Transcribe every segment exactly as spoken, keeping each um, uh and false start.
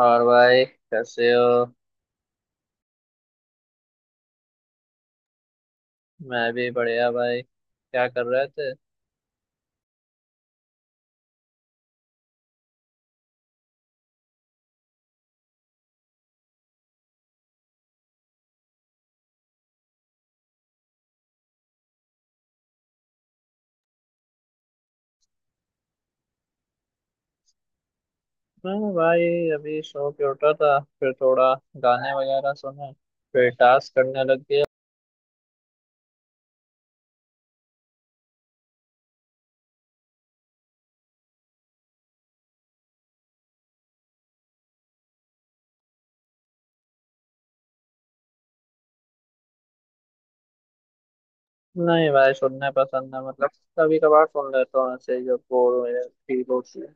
और भाई कैसे हो। मैं भी बढ़िया भाई, क्या कर रहे थे। मैं भाई अभी सो के उठा था, फिर थोड़ा गाने वगैरह सुने, फिर टास्क करने लग गया। नहीं भाई, सुनने पसंद है, मतलब कभी कभार सुन लेता हूँ ऐसे जब बोर हो या फ्री होती है।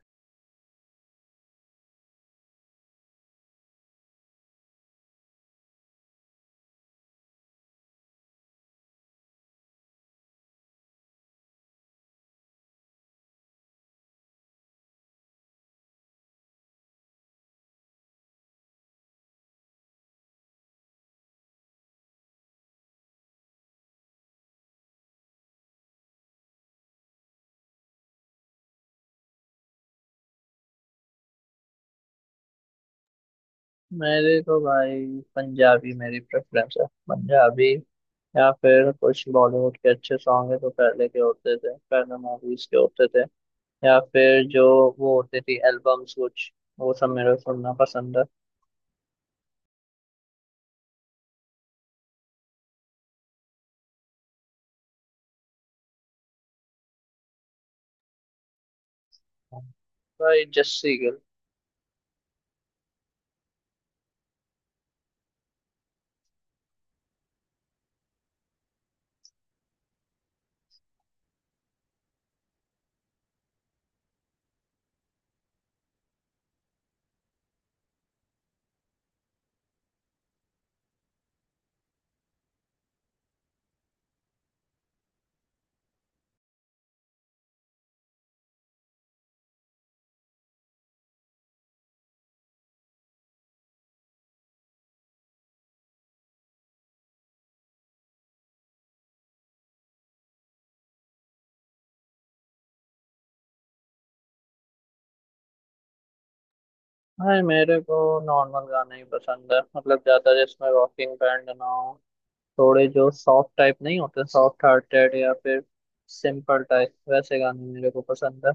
मेरे तो भाई पंजाबी मेरी प्रेफरेंस है, पंजाबी या फिर कुछ बॉलीवुड के अच्छे सॉन्ग है तो पहले के होते थे, पहले मूवीज के होते थे, या फिर जो वो होते थे एल्बम्स, कुछ वो सब मेरे को सुनना पसंद है। भाई जस्सी गिल। भाई मेरे को नॉर्मल गाने ही पसंद है, मतलब ज्यादा जिसमें रॉकिंग बैंड ना हो। थोड़े जो सॉफ्ट टाइप नहीं होते, सॉफ्ट हार्टेड या फिर सिंपल टाइप, वैसे गाने मेरे को पसंद है।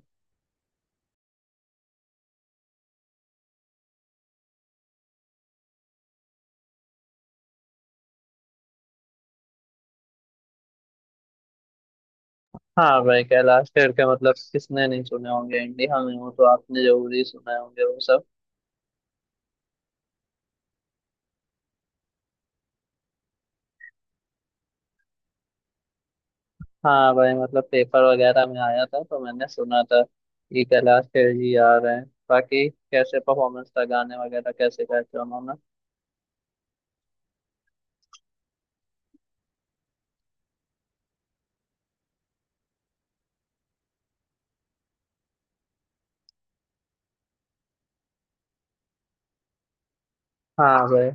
हाँ भाई, कैलाश खेर के मतलब किसने नहीं सुने होंगे, इंडिया में हो तो आपने जरूर ही सुने होंगे वो सब। हाँ भाई, मतलब पेपर वगैरह में आया था तो मैंने सुना था कि कैलाश खेर जी आ रहे हैं। बाकी कैसे परफॉर्मेंस था, गाने वगैरह कैसे गाए थे उन्होंने। हाँ भाई।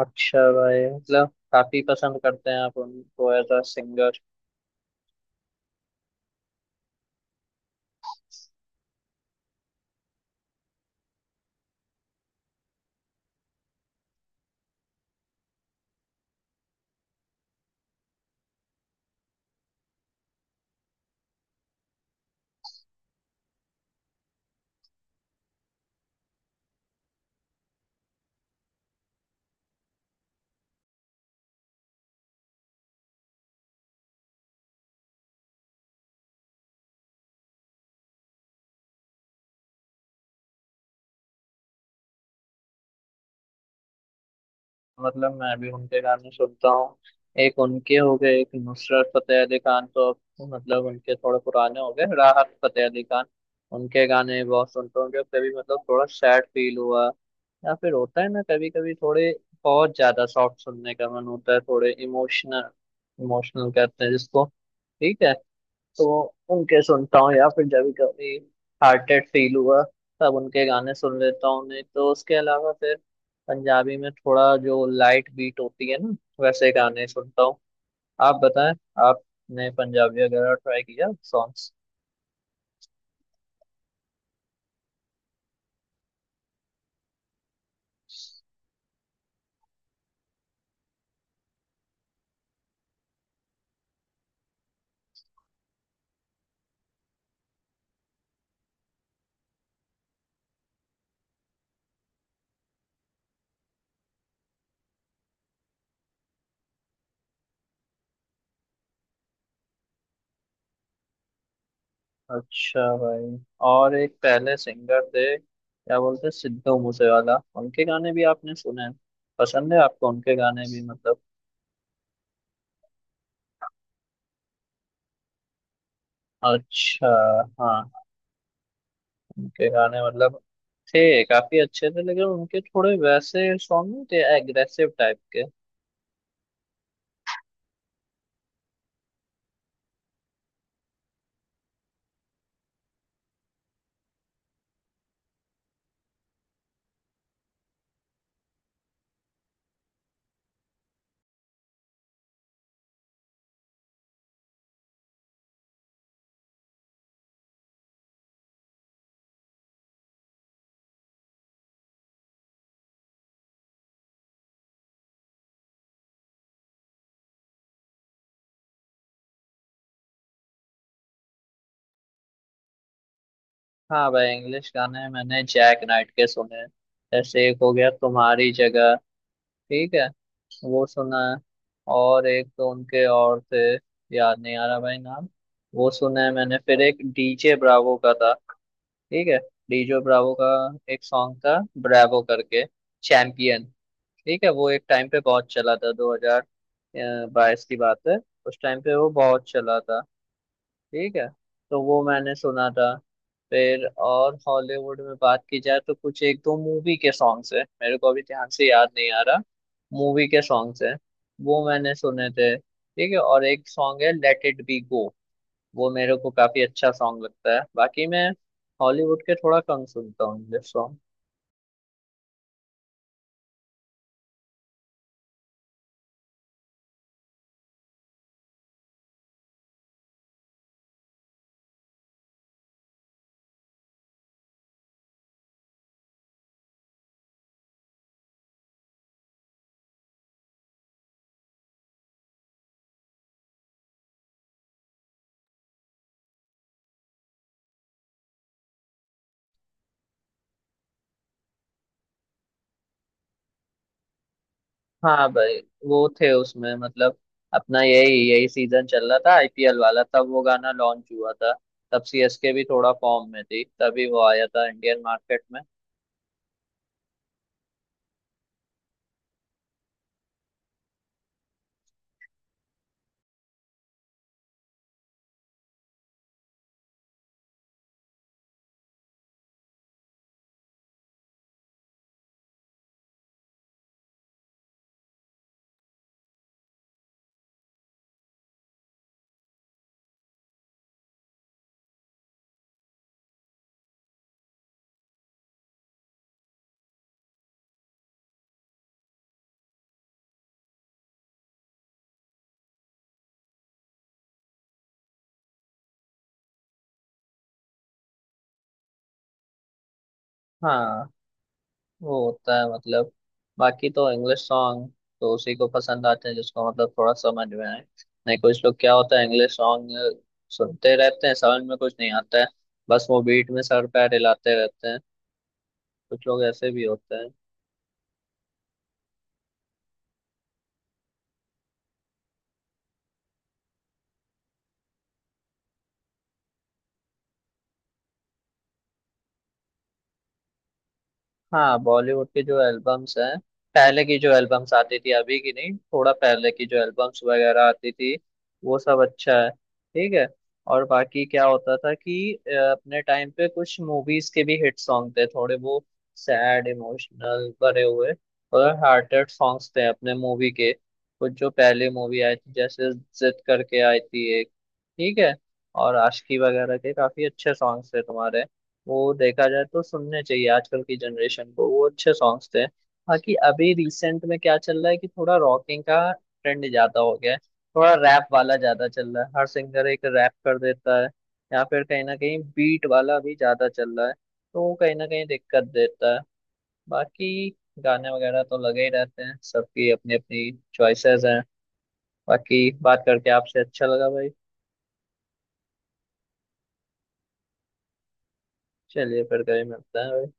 अच्छा भाई, मतलब काफी पसंद करते हैं आप उनको एज अ सिंगर। मतलब मैं भी उनके गाने सुनता हूँ। एक उनके हो गए, एक नुसरत फतेह अली खान, तो अब मतलब उनके थोड़े पुराने हो गए, राहत फतेह अली खान, उनके गाने बहुत सुनता हूँ जब कभी मतलब थोड़ा सैड फील हुआ या फिर होता है ना कभी कभी, थोड़े बहुत ज्यादा सॉफ्ट सुनने का मन होता है, थोड़े इमोशनल, इमोशनल कहते हैं जिसको। ठीक है। तो उनके सुनता हूँ, या फिर जब भी कभी हार्टेड फील हुआ तब उनके गाने सुन लेता हूँ। नहीं तो उसके अलावा फिर पंजाबी में थोड़ा जो लाइट बीट होती है ना, वैसे गाने सुनता हूँ। आप बताएं, आपने पंजाबी वगैरह ट्राई किया सॉन्ग्स। अच्छा भाई। और एक पहले सिंगर थे, क्या बोलते हैं, सिद्धू मूसेवाला, उनके गाने भी आपने सुने हैं, पसंद है आपको उनके गाने भी मतलब। अच्छा। हाँ। उनके गाने मतलब थे, काफी अच्छे थे, लेकिन उनके थोड़े वैसे सॉन्ग नहीं थे एग्रेसिव टाइप के। हाँ भाई, इंग्लिश गाने मैंने जैक नाइट के सुने हैं। जैसे एक हो गया तुम्हारी जगह, ठीक है, वो सुना है। और एक तो उनके और थे, याद नहीं आ रहा भाई नाम, वो सुना है मैंने। फिर एक डीजे ब्रावो का था, ठीक है, डीजे ब्रावो का एक सॉन्ग था, ब्रावो करके, चैंपियन, ठीक है। वो एक टाइम पे बहुत चला था, दो हज़ार बाईस की बात है, उस टाइम पे वो बहुत चला था, ठीक है, तो वो मैंने सुना था। फिर और हॉलीवुड में बात की जाए तो कुछ एक दो मूवी के सॉन्ग्स है, मेरे को अभी ध्यान से याद नहीं आ रहा, मूवी के सॉन्ग्स है, वो मैंने सुने थे, ठीक है। और एक सॉन्ग है लेट इट बी गो, वो मेरे को काफी अच्छा सॉन्ग लगता है। बाकी मैं हॉलीवुड के थोड़ा कम सुनता हूँ इंग्लिश सॉन्ग। हाँ भाई, वो थे उसमें, मतलब अपना यही यही सीजन चल रहा था आईपीएल वाला, तब वो गाना लॉन्च हुआ था, तब सीएसके भी थोड़ा फॉर्म में थी, तभी वो आया था इंडियन मार्केट में। हाँ, वो होता है मतलब। बाकी तो इंग्लिश सॉन्ग तो उसी को पसंद आते हैं जिसको मतलब थोड़ा समझ में आए। नहीं, कुछ लोग क्या होता है, इंग्लिश सॉन्ग सुनते रहते हैं, समझ में कुछ नहीं आता है, बस वो बीट में सर पैर हिलाते रहते हैं, कुछ लोग ऐसे भी होते हैं। हाँ, बॉलीवुड की जो एल्बम्स हैं, पहले की जो एल्बम्स आती थी, अभी की नहीं, थोड़ा पहले की जो एल्बम्स वगैरह आती थी, वो सब अच्छा है, ठीक है। और बाकी क्या होता था कि अ, अपने टाइम पे कुछ मूवीज के भी हिट सॉन्ग थे, थोड़े वो सैड, इमोशनल भरे हुए और हार्टेड सॉन्ग्स थे अपने मूवी के, कुछ जो पहले मूवी आई थी जैसे जिद करके आई थी एक, ठीक है, और आशिकी वगैरह के काफी अच्छे सॉन्ग्स थे तुम्हारे, वो देखा जाए तो सुनने चाहिए आजकल की जनरेशन को, वो अच्छे सॉन्ग्स थे। बाकी अभी रिसेंट में क्या चल रहा है कि थोड़ा रॉकिंग का ट्रेंड ज्यादा हो गया है, थोड़ा रैप वाला ज्यादा चल रहा है, हर सिंगर एक रैप कर देता है, या फिर कहीं ना कहीं बीट वाला भी ज्यादा चल रहा है, तो वो कहीं ना कहीं दिक्कत देता है। बाकी गाने वगैरह तो लगे ही रहते हैं, सबकी अपनी अपनी चॉइसेस हैं। बाकी बात करके आपसे अच्छा लगा भाई, चलिए फिर कभी मिलते हैं भाई।